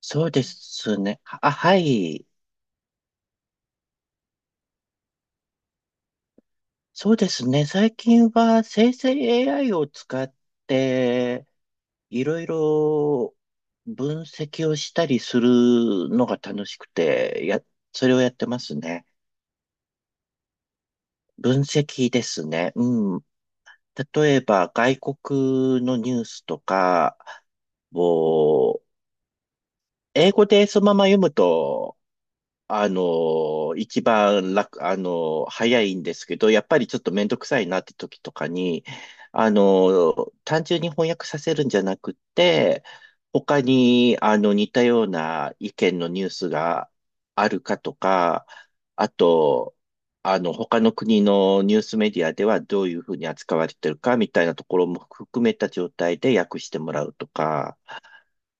そうですね。あ、はい。そうですね。最近は生成 AI を使って、いろいろ分析をしたりするのが楽しくて、それをやってますね。分析ですね。うん。例えば、外国のニュースとかを、英語でそのまま読むと、一番楽、早いんですけど、やっぱりちょっとめんどくさいなって時とかに、単純に翻訳させるんじゃなくて、他に、似たような意見のニュースがあるかとか、あと、他の国のニュースメディアではどういうふうに扱われてるかみたいなところも含めた状態で訳してもらうとか、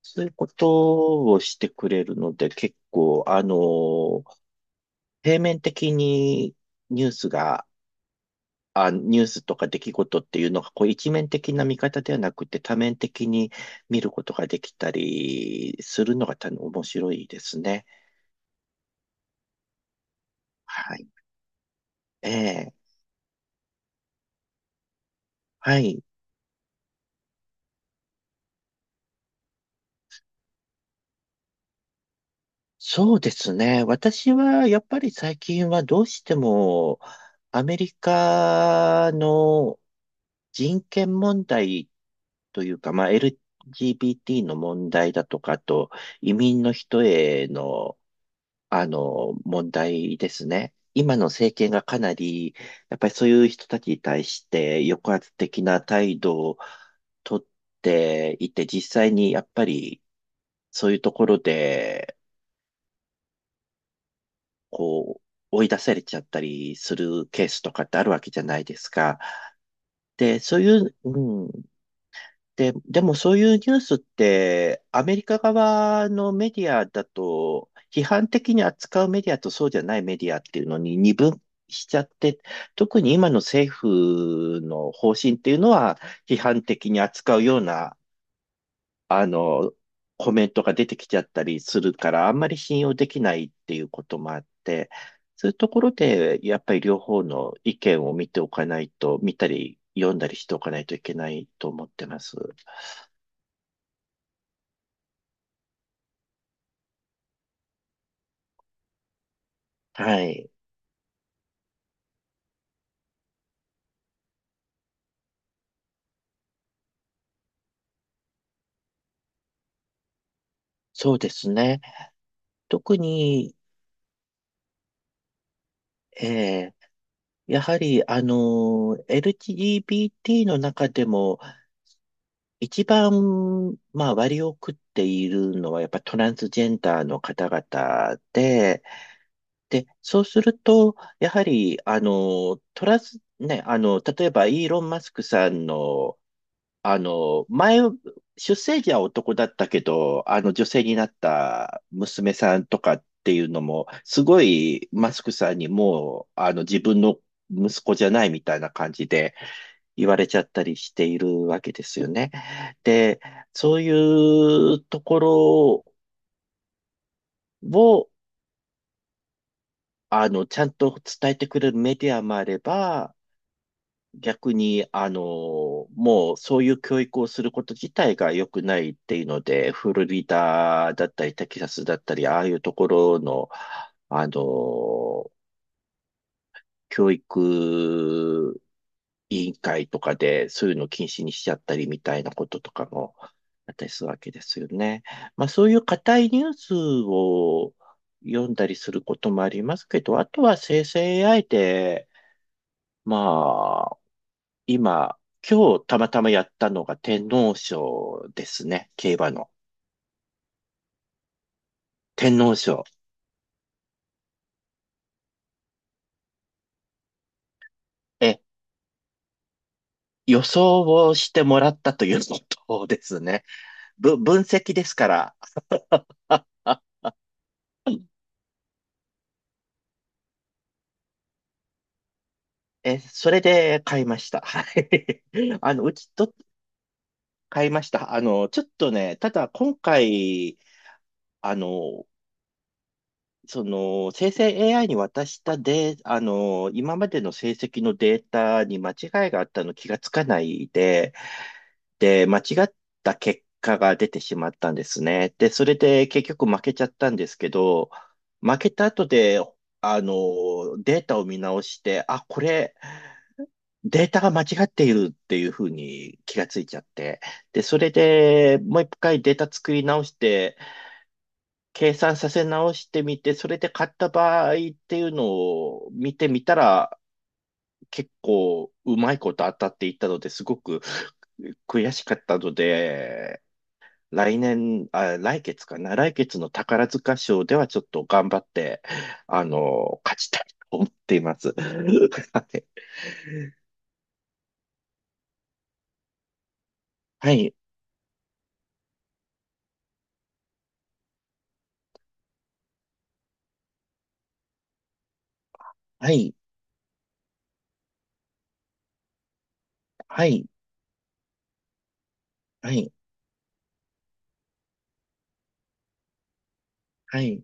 そういうことをしてくれるので、結構、あの平面的にニュースが、ニュースとか出来事っていうのが、こう一面的な見方ではなくて多面的に見ることができたりするのが多分面白いですね。はい。ええ。はい。そうですね。私はやっぱり最近はどうしてもアメリカの人権問題というか、まあ、LGBT の問題だとか、あと移民の人への問題ですね。今の政権がかなり、やっぱりそういう人たちに対して抑圧的な態度をとっていて、実際にやっぱりそういうところで、こう、追い出されちゃったりするケースとかってあるわけじゃないですか。で、そういう、うん、でもそういうニュースってアメリカ側のメディアだと批判的に扱うメディアとそうじゃないメディアっていうのに二分しちゃって、特に今の政府の方針っていうのは批判的に扱うようなあのコメントが出てきちゃったりするからあんまり信用できないっていうこともあって、そういうところでやっぱり両方の意見を見ておかないと、見たり読んだりしておかないといけないと思ってます。はい。そうですね。特に、えーやはり、あのエルジー、LGBT の中でも、一番、まあ、割を食っているのは、やっぱトランスジェンダーの方々で、で、そうすると、やはり、あのトランス、ね、あの、例えば、イーロン・マスクさんの、あの、前、出生時は男だったけど、あの女性になった娘さんとかっていうのも、すごいマスクさんにもう、あの自分の息子じゃないみたいな感じで言われちゃったりしているわけですよね。で、そういうところを、ちゃんと伝えてくれるメディアもあれば、逆に、もうそういう教育をすること自体が良くないっていうので、フロリダだったり、テキサスだったり、ああいうところの、あの、教育委員会とかで、そういうのを禁止にしちゃったりみたいなこととかもあったりするわけですよね。まあそういう硬いニュースを読んだりすることもありますけど、あとは生成 AI で、ま今、今日たまたまやったのが天皇賞ですね。競馬の。天皇賞。え、予想をしてもらったということですね。分析ですから。え、それで買いました。はい。あの、うちと、買いました。あの、ちょっとね、ただ今回、あの、生成 AI に渡したで、あの、今までの成績のデータに間違いがあったの気がつかないで、間違った結果が出てしまったんですね。で、それで結局負けちゃったんですけど、負けた後で、データを見直して、データが間違っているっていうふうに気がついちゃって。で、それでもう一回データ作り直して、計算させ直してみて、それで買った場合っていうのを見てみたら、結構うまいこと当たっていったのですごく悔しかったので、来年、あ、来月かな、来月の宝塚賞ではちょっと頑張って、勝ちたいと思っています。はい、はい、はい、はい、はい、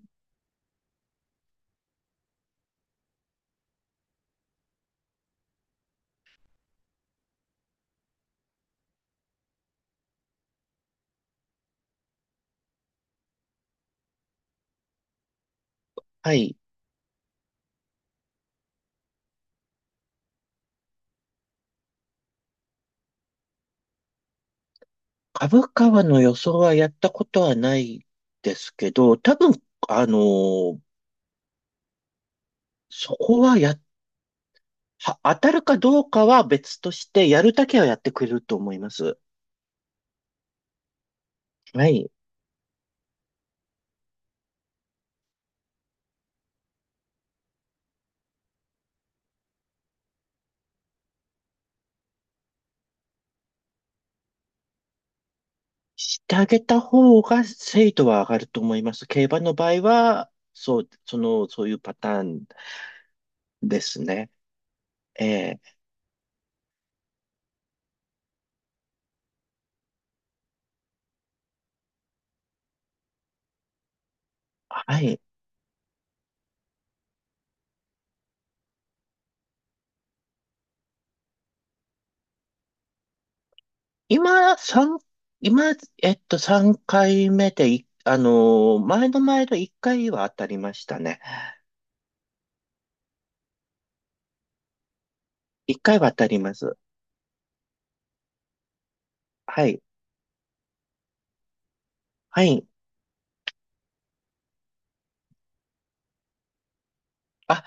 はい。株価はの予想はやったことはないですけど、多分、あの、そこはや、は当たるかどうかは別として、やるだけはやってくれると思います。はい。してあげた方が精度は上がると思います。競馬の場合は、そういうパターンですね。ええはい。今、三今、えっと、3回目でい、あのー、前の前の1回は当たりましたね。1回は当たります。はい。はい。あ、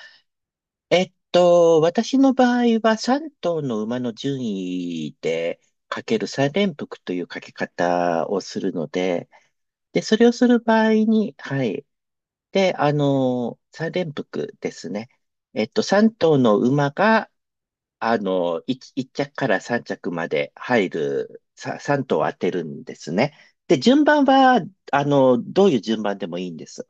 えっと、私の場合は3頭の馬の順位でかける3連複というかけ方をするので、で、それをする場合に、はい。で、三連複ですね。えっと、三頭の馬が、一着から三着まで入る、三頭を当てるんですね。で、順番は、どういう順番でもいいんです。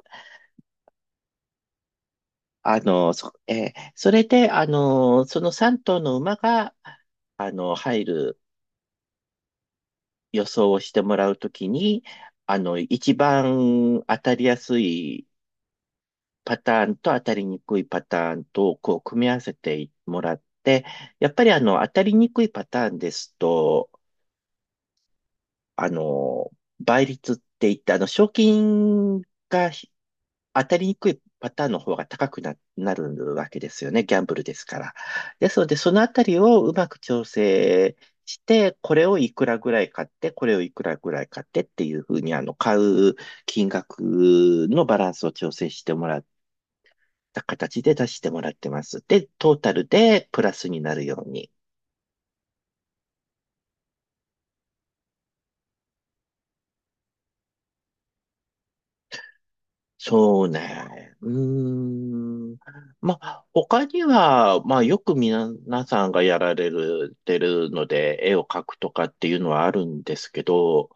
あの、そ、えーそれで、その三頭の馬が、入る予想をしてもらうときに、一番当たりやすいパターンと当たりにくいパターンとこう組み合わせてもらって、やっぱりあの当たりにくいパターンですと、あの、倍率って言ってあの賞金がひ当たりにくいパターンの方が高くな、なるわけですよね。ギャンブルですから。ですので、そのあたりをうまく調整して、これをいくらぐらい買って、これをいくらぐらい買ってっていうふうに、買う金額のバランスを調整してもらった形で出してもらってます。で、トータルでプラスになるように。そうね。うーん。まあ、他には、まあ、よく皆さんがやられる、てるので、絵を描くとかっていうのはあるんですけど、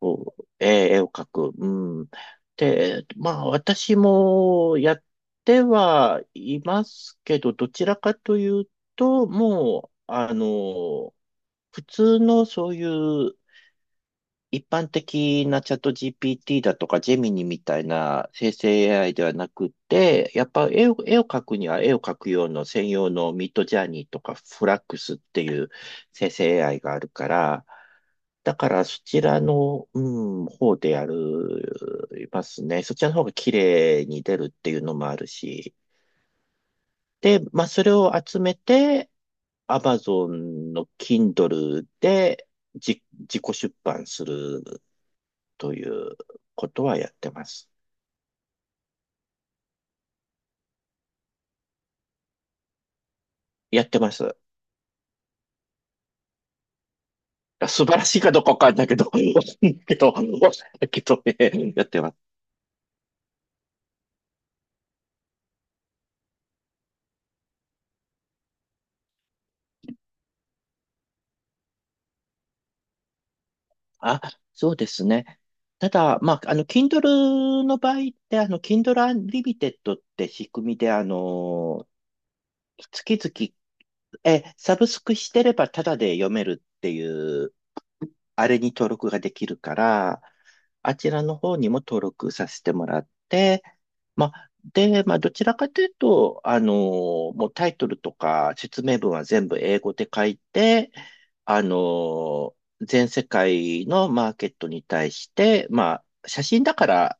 絵を描く。うん。で、まあ、私もやってはいますけど、どちらかというと、もう、あの、普通のそういう一般的なチャット GPT だとか、ジェミニみたいな生成 AI ではなくて、やっぱ絵を、絵を描くには絵を描く用の専用のミッドジャーニーとかフラックスっていう生成 AI があるから、だからそちらの、うん、方でやりますね。そちらの方が綺麗に出るっていうのもあるし。で、まあそれを集めて、Amazon の Kindle で自己出版するということはやってます。やってます。素晴らしいかどうかわかんないけど、だけどね、やってます。あ、そうですね。ただ、まあ、Kindle の場合って、Kindle Unlimited って仕組みで、月々サブスクしてればタダで読めるっていう、あれに登録ができるから、あちらの方にも登録させてもらって、まあ、どちらかというと、もうタイトルとか説明文は全部英語で書いて、あの全世界のマーケットに対して、まあ、写真だから、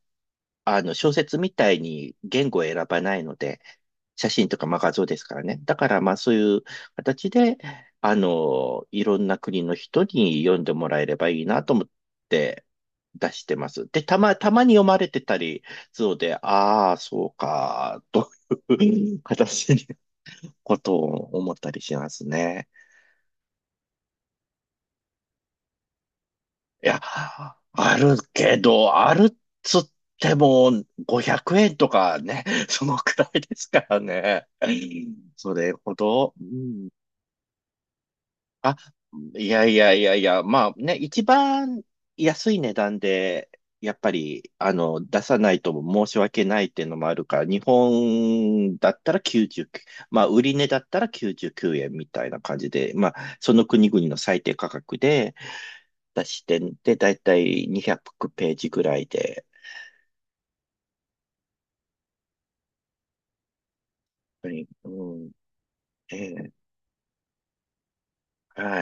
小説みたいに言語を選ばないので、写真とか、まあ、画像ですからね。だから、まあ、そういう形で、いろんな国の人に読んでもらえればいいなと思って出してます。で、たまに読まれてたり、そうで、ああ、そうか、という形にことを思ったりしますね。いや、あるけど、あるっつっても500円とかね、そのくらいですからね。それほど、うんあ、いやいやいやいや、まあね、一番安い値段で、やっぱり、出さないとも申し訳ないっていうのもあるから、日本だったら99、まあ、売り値だったら99円みたいな感じで、まあ、その国々の最低価格で出して、で、だいたい200ページぐらいで、はいうん、ええはい。